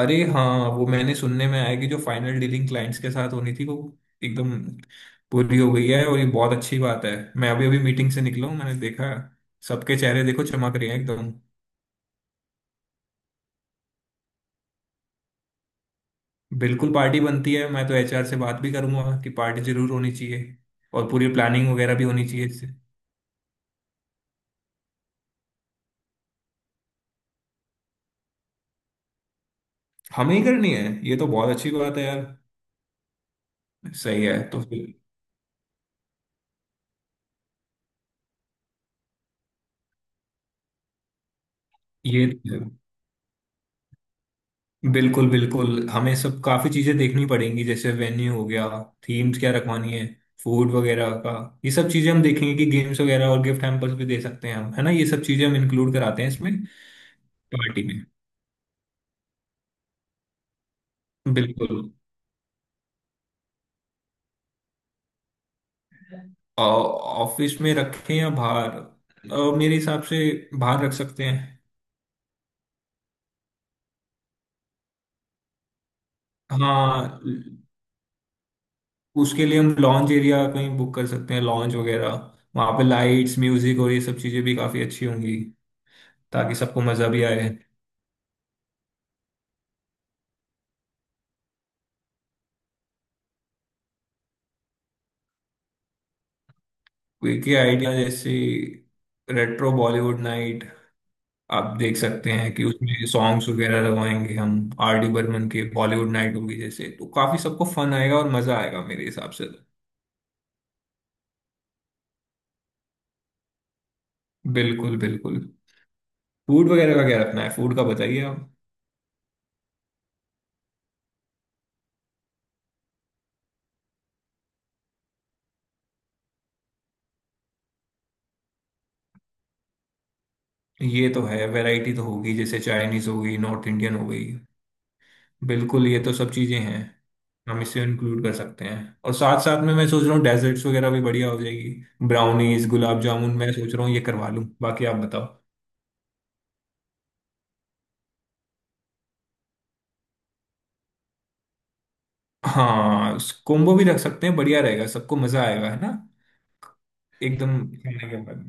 अरे हाँ, वो मैंने सुनने में आया कि जो फाइनल डीलिंग क्लाइंट्स के साथ होनी थी, वो एकदम पूरी हो गई है। और ये बहुत अच्छी बात है। मैं अभी अभी मीटिंग से निकला हूँ, मैंने देखा सबके चेहरे देखो चमक रहे हैं एकदम। बिल्कुल पार्टी बनती है। मैं तो एचआर से बात भी करूंगा कि पार्टी जरूर होनी चाहिए और पूरी प्लानिंग वगैरह भी होनी चाहिए इससे। हमें ही करनी है। ये तो बहुत अच्छी बात है यार। सही है तो फिर। ये बिल्कुल बिल्कुल, हमें सब काफी चीजें देखनी पड़ेंगी। जैसे वेन्यू हो गया, थीम्स क्या रखवानी है, फूड वगैरह का। ये सब चीजें हम देखेंगे कि गेम्स वगैरह और गिफ्ट हैम्पर्स भी दे सकते हैं हम, है ना। ये सब चीजें हम इंक्लूड कराते हैं इसमें, पार्टी में। बिल्कुल। ऑफिस में रखें या बाहर, मेरे हिसाब से बाहर रख सकते हैं। हाँ, उसके लिए हम लॉन्च एरिया कहीं बुक कर सकते हैं, लॉन्च वगैरह। वहाँ पे लाइट्स, म्यूजिक और ये सब चीजें भी काफी अच्छी होंगी, ताकि सबको मजा भी आए। वीके आइडिया जैसे रेट्रो बॉलीवुड नाइट। आप देख सकते हैं कि उसमें सॉन्ग्स वगैरह लगवाएंगे हम। आर डी बर्मन के बॉलीवुड नाइट होगी जैसे, तो काफी सबको फन आएगा और मजा आएगा मेरे हिसाब से तो। बिल्कुल बिल्कुल। फूड वगैरह का क्या रखना है, फूड का बताइए आप। ये तो है, वैरायटी तो होगी। जैसे चाइनीज हो गई, नॉर्थ इंडियन हो गई, बिल्कुल ये तो सब चीजें हैं। हम इसे इंक्लूड कर सकते हैं। और साथ साथ में मैं सोच रहा हूँ डेजर्ट्स वगैरह भी बढ़िया हो जाएगी। ब्राउनीज, गुलाब जामुन मैं सोच रहा हूँ ये करवा लूँ, बाकी आप बताओ। हाँ, कोम्बो भी रख सकते हैं, बढ़िया रहेगा, सबको मजा आएगा, है ना। एकदम। खाने के बाद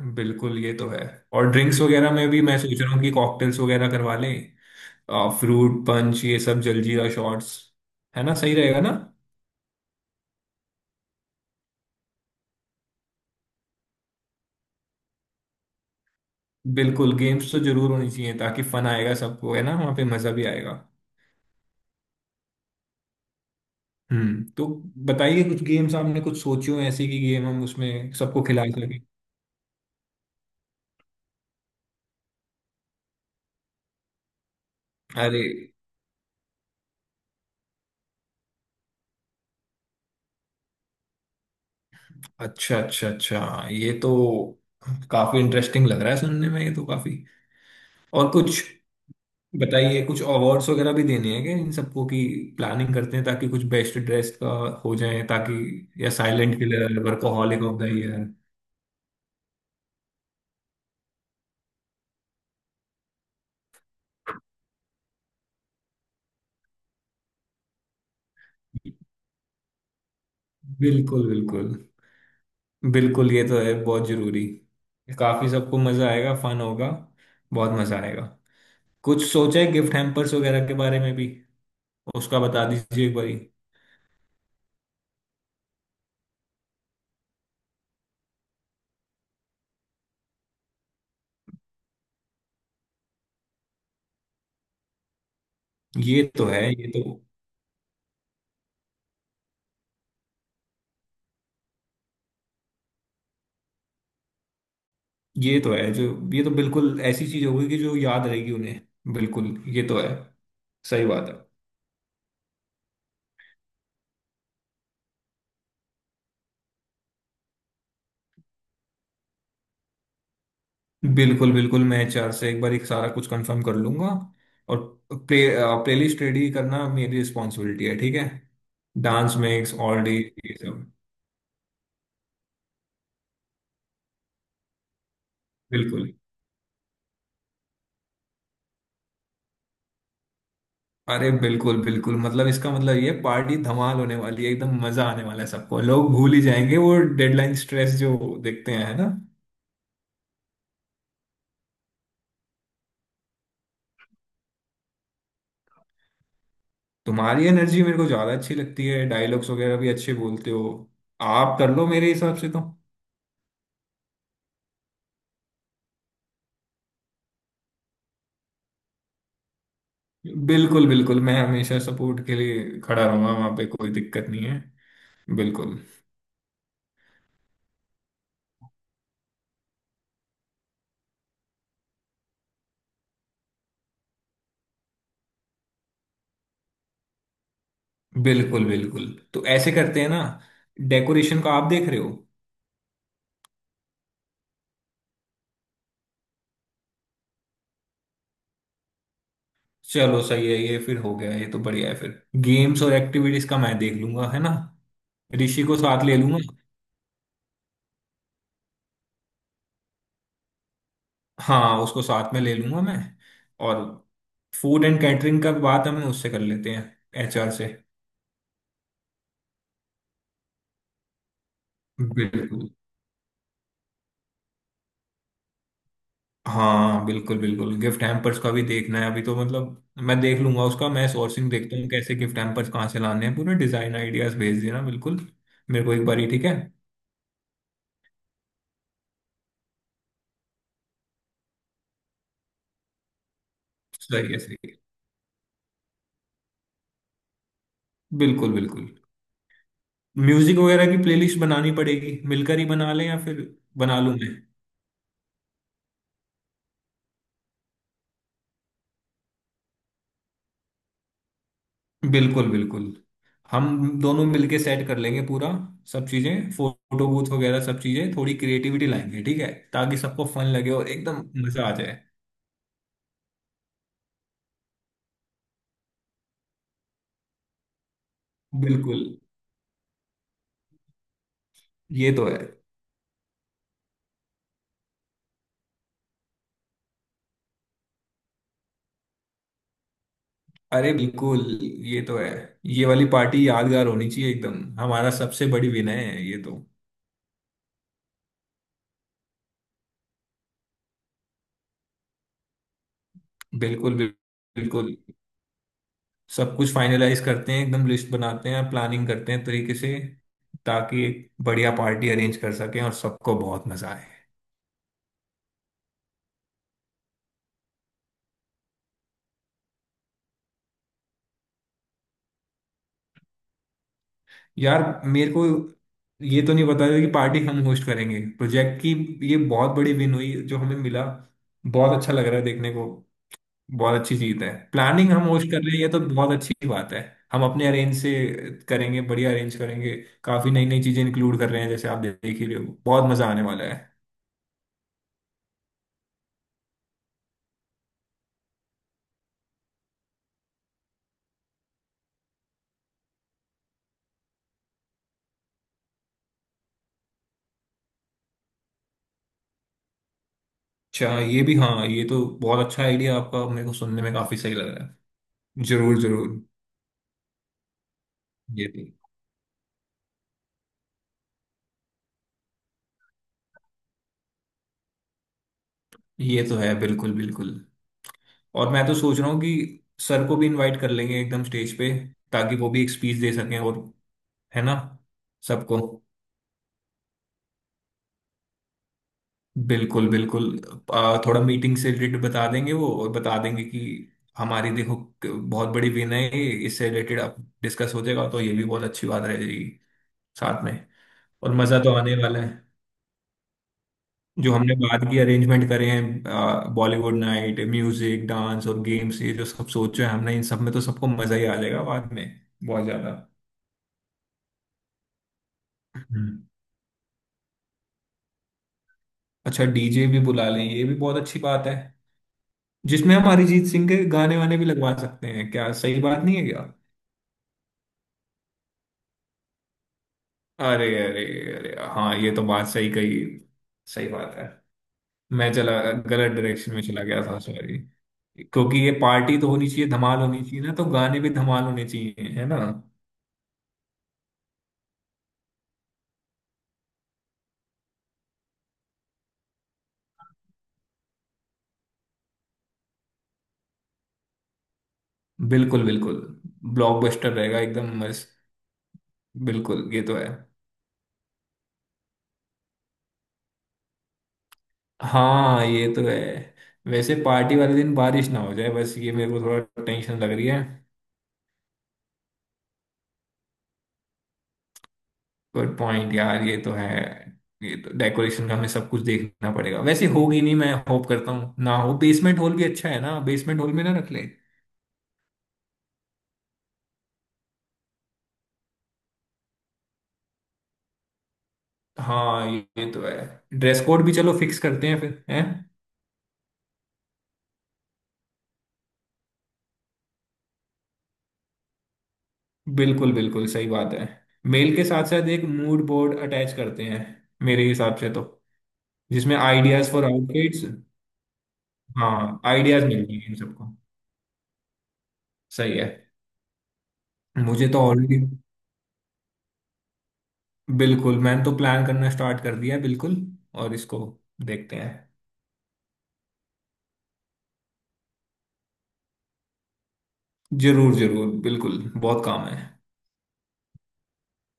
में। बिल्कुल ये तो है। और ड्रिंक्स वगैरह में भी मैं सोच रहा हूँ कि कॉकटेल्स वगैरह करवा लें, फ्रूट पंच, ये सब, जलजीरा शॉट्स। है ना, सही रहेगा ना। बिल्कुल गेम्स तो जरूर होनी चाहिए, ताकि फन आएगा सबको, है ना, वहाँ पे मजा भी आएगा। तो बताइए, कुछ गेम्स आपने कुछ सोचे हो ऐसे, की गेम हम उसमें सबको खिला सके। अरे, अच्छा अच्छा अच्छा, ये तो काफी इंटरेस्टिंग लग रहा है सुनने में, ये तो काफी। और कुछ बताइए। कुछ अवार्ड्स वगैरह भी देने हैं क्या इन सबको, की प्लानिंग करते हैं, ताकि कुछ बेस्ट ड्रेस का हो जाए, ताकि, या silent killer, workaholic of the year. बिल्कुल बिल्कुल, बिल्कुल ये तो है, बहुत जरूरी। काफी सबको मजा आएगा, फन होगा, बहुत मजा आएगा। कुछ सोचा है गिफ्ट हैम्पर्स वगैरह के बारे में भी, उसका बता दीजिए एक बारी। ये तो है, ये तो, ये तो है जो, ये तो बिल्कुल ऐसी चीज होगी कि जो याद रहेगी उन्हें। बिल्कुल, ये तो है, सही बात है। बिल्कुल बिल्कुल, मैं एचआर से एक बार एक सारा कुछ कंफर्म कर लूंगा। और प्ले प्लेलिस्ट रेडी करना मेरी रिस्पॉन्सिबिलिटी है, ठीक है। डांस मिक्स ऑल डे, ये सब। बिल्कुल। अरे बिल्कुल बिल्कुल, मतलब इसका मतलब ये पार्टी धमाल होने वाली है, एकदम मजा आने वाला है सबको। लोग भूल ही जाएंगे वो डेडलाइन स्ट्रेस जो, देखते हैं, है ना। तुम्हारी एनर्जी मेरे को ज्यादा अच्छी लगती है, डायलॉग्स वगैरह भी अच्छे बोलते हो, आप कर लो मेरे हिसाब से तो। बिल्कुल बिल्कुल, मैं हमेशा सपोर्ट के लिए खड़ा रहूंगा वहां पे, कोई दिक्कत नहीं है। बिल्कुल बिल्कुल। बिल्कुल। तो ऐसे करते हैं ना, डेकोरेशन का आप देख रहे हो। चलो सही है, ये फिर हो गया, ये तो बढ़िया है। फिर गेम्स और एक्टिविटीज का मैं देख लूंगा, है ना। ऋषि को साथ ले लूंगा। हाँ, उसको साथ में ले लूंगा मैं। और फूड एंड कैटरिंग का बात हमें उससे कर लेते हैं, एचआर से। बिल्कुल। हाँ बिल्कुल बिल्कुल, गिफ्ट हैम्पर्स का भी देखना है अभी तो, मतलब मैं देख लूंगा उसका। मैं सोर्सिंग देखता हूँ कैसे, गिफ्ट हैम्पर्स कहाँ से लाने हैं। पूरे डिजाइन आइडियाज भेज देना बिल्कुल, मेरे को एक बार ही, ठीक है। सही है, सही है। बिल्कुल बिल्कुल। म्यूजिक वगैरह की प्लेलिस्ट बनानी पड़ेगी, मिलकर ही बना लें या फिर बना लूं मैं। बिल्कुल बिल्कुल, हम दोनों मिलके सेट कर लेंगे पूरा सब चीजें। फोटो बूथ वगैरह सब चीजें, थोड़ी क्रिएटिविटी लाएंगे, ठीक है, ताकि सबको फन लगे और एकदम मजा आ जाए। बिल्कुल, ये तो है। अरे बिल्कुल, ये तो है। ये वाली पार्टी यादगार होनी चाहिए एकदम, हमारा सबसे बड़ी विनय है ये तो। बिल्कुल बिल- बिल्कुल, सब कुछ फाइनलाइज करते हैं एकदम। लिस्ट बनाते हैं, प्लानिंग करते हैं तरीके से, ताकि एक बढ़िया पार्टी अरेंज कर सकें और सबको बहुत मजा आए। यार मेरे को ये तो नहीं पता था कि पार्टी हम होस्ट करेंगे प्रोजेक्ट की। ये बहुत बड़ी विन हुई जो हमें मिला, बहुत अच्छा लग रहा है देखने को। बहुत अच्छी चीज है, प्लानिंग हम होस्ट कर रहे हैं, ये तो बहुत अच्छी बात है। हम अपने अरेंज से करेंगे, बढ़िया अरेंज करेंगे। काफी नई नई चीजें इंक्लूड कर रहे हैं, जैसे आप देख ही रहे हो, बहुत मजा आने वाला है। अच्छा ये भी, हाँ, ये तो बहुत अच्छा आइडिया आपका, मेरे को सुनने में काफी सही लग रहा है। जरूर जरूर। ये तो, ये तो है, बिल्कुल बिल्कुल। और मैं तो सोच रहा हूँ कि सर को भी इनवाइट कर लेंगे एकदम स्टेज पे, ताकि वो भी एक स्पीच दे सकें, और, है ना। सबको, बिल्कुल बिल्कुल। थोड़ा मीटिंग से रिलेटेड बता देंगे वो, और बता देंगे कि हमारी देखो बहुत बड़ी विन है ये, इससे रिलेटेड आप डिस्कस हो जाएगा, तो ये भी बहुत अच्छी बात रह जाएगी, साथ में। और मज़ा तो आने वाला है। जो हमने बाद की अरेंजमेंट करे हैं, बॉलीवुड नाइट, म्यूजिक, डांस और गेम्स, ये जो सब सोचे हैं हमने, इन सब में तो सबको मज़ा ही आ जाएगा बाद में, बहुत ज़्यादा। हम्म। अच्छा डीजे भी बुला लें, ये भी बहुत अच्छी बात है। जिसमें हम अरिजीत सिंह के गाने वाने भी लगवा सकते हैं, क्या सही बात नहीं है। अरे अरे, अरे हाँ, ये तो बात सही कही, सही बात है। मैं चला, गलत डायरेक्शन में चला गया था, सॉरी। क्योंकि ये पार्टी तो होनी चाहिए, धमाल होनी चाहिए ना, तो गाने भी धमाल होने चाहिए, है ना। बिल्कुल बिल्कुल, ब्लॉकबस्टर रहेगा एकदम मस्त, बिल्कुल ये तो है। हाँ ये तो है, वैसे पार्टी वाले दिन बारिश ना हो जाए, बस ये मेरे को थोड़ा टेंशन लग रही है। गुड पॉइंट यार, ये तो है। ये तो डेकोरेशन का हमें सब कुछ देखना पड़ेगा। वैसे होगी नहीं, मैं होप करता हूँ ना हो। बेसमेंट हॉल भी अच्छा है ना, बेसमेंट हॉल में ना रख ले। हाँ ये तो है। ड्रेस कोड भी चलो फिक्स करते हैं फिर हैं। बिल्कुल बिल्कुल, सही बात है। मेल के साथ साथ एक मूड बोर्ड अटैच करते हैं मेरे हिसाब से तो, जिसमें आइडियाज फॉर आउटफिट्स। हाँ, आइडियाज मिल जाएंगे इन सबको। सही है। मुझे तो ऑलरेडी, बिल्कुल मैंने तो प्लान करना स्टार्ट कर दिया है, बिल्कुल। और इसको देखते हैं। जरूर जरूर, बिल्कुल बहुत काम है।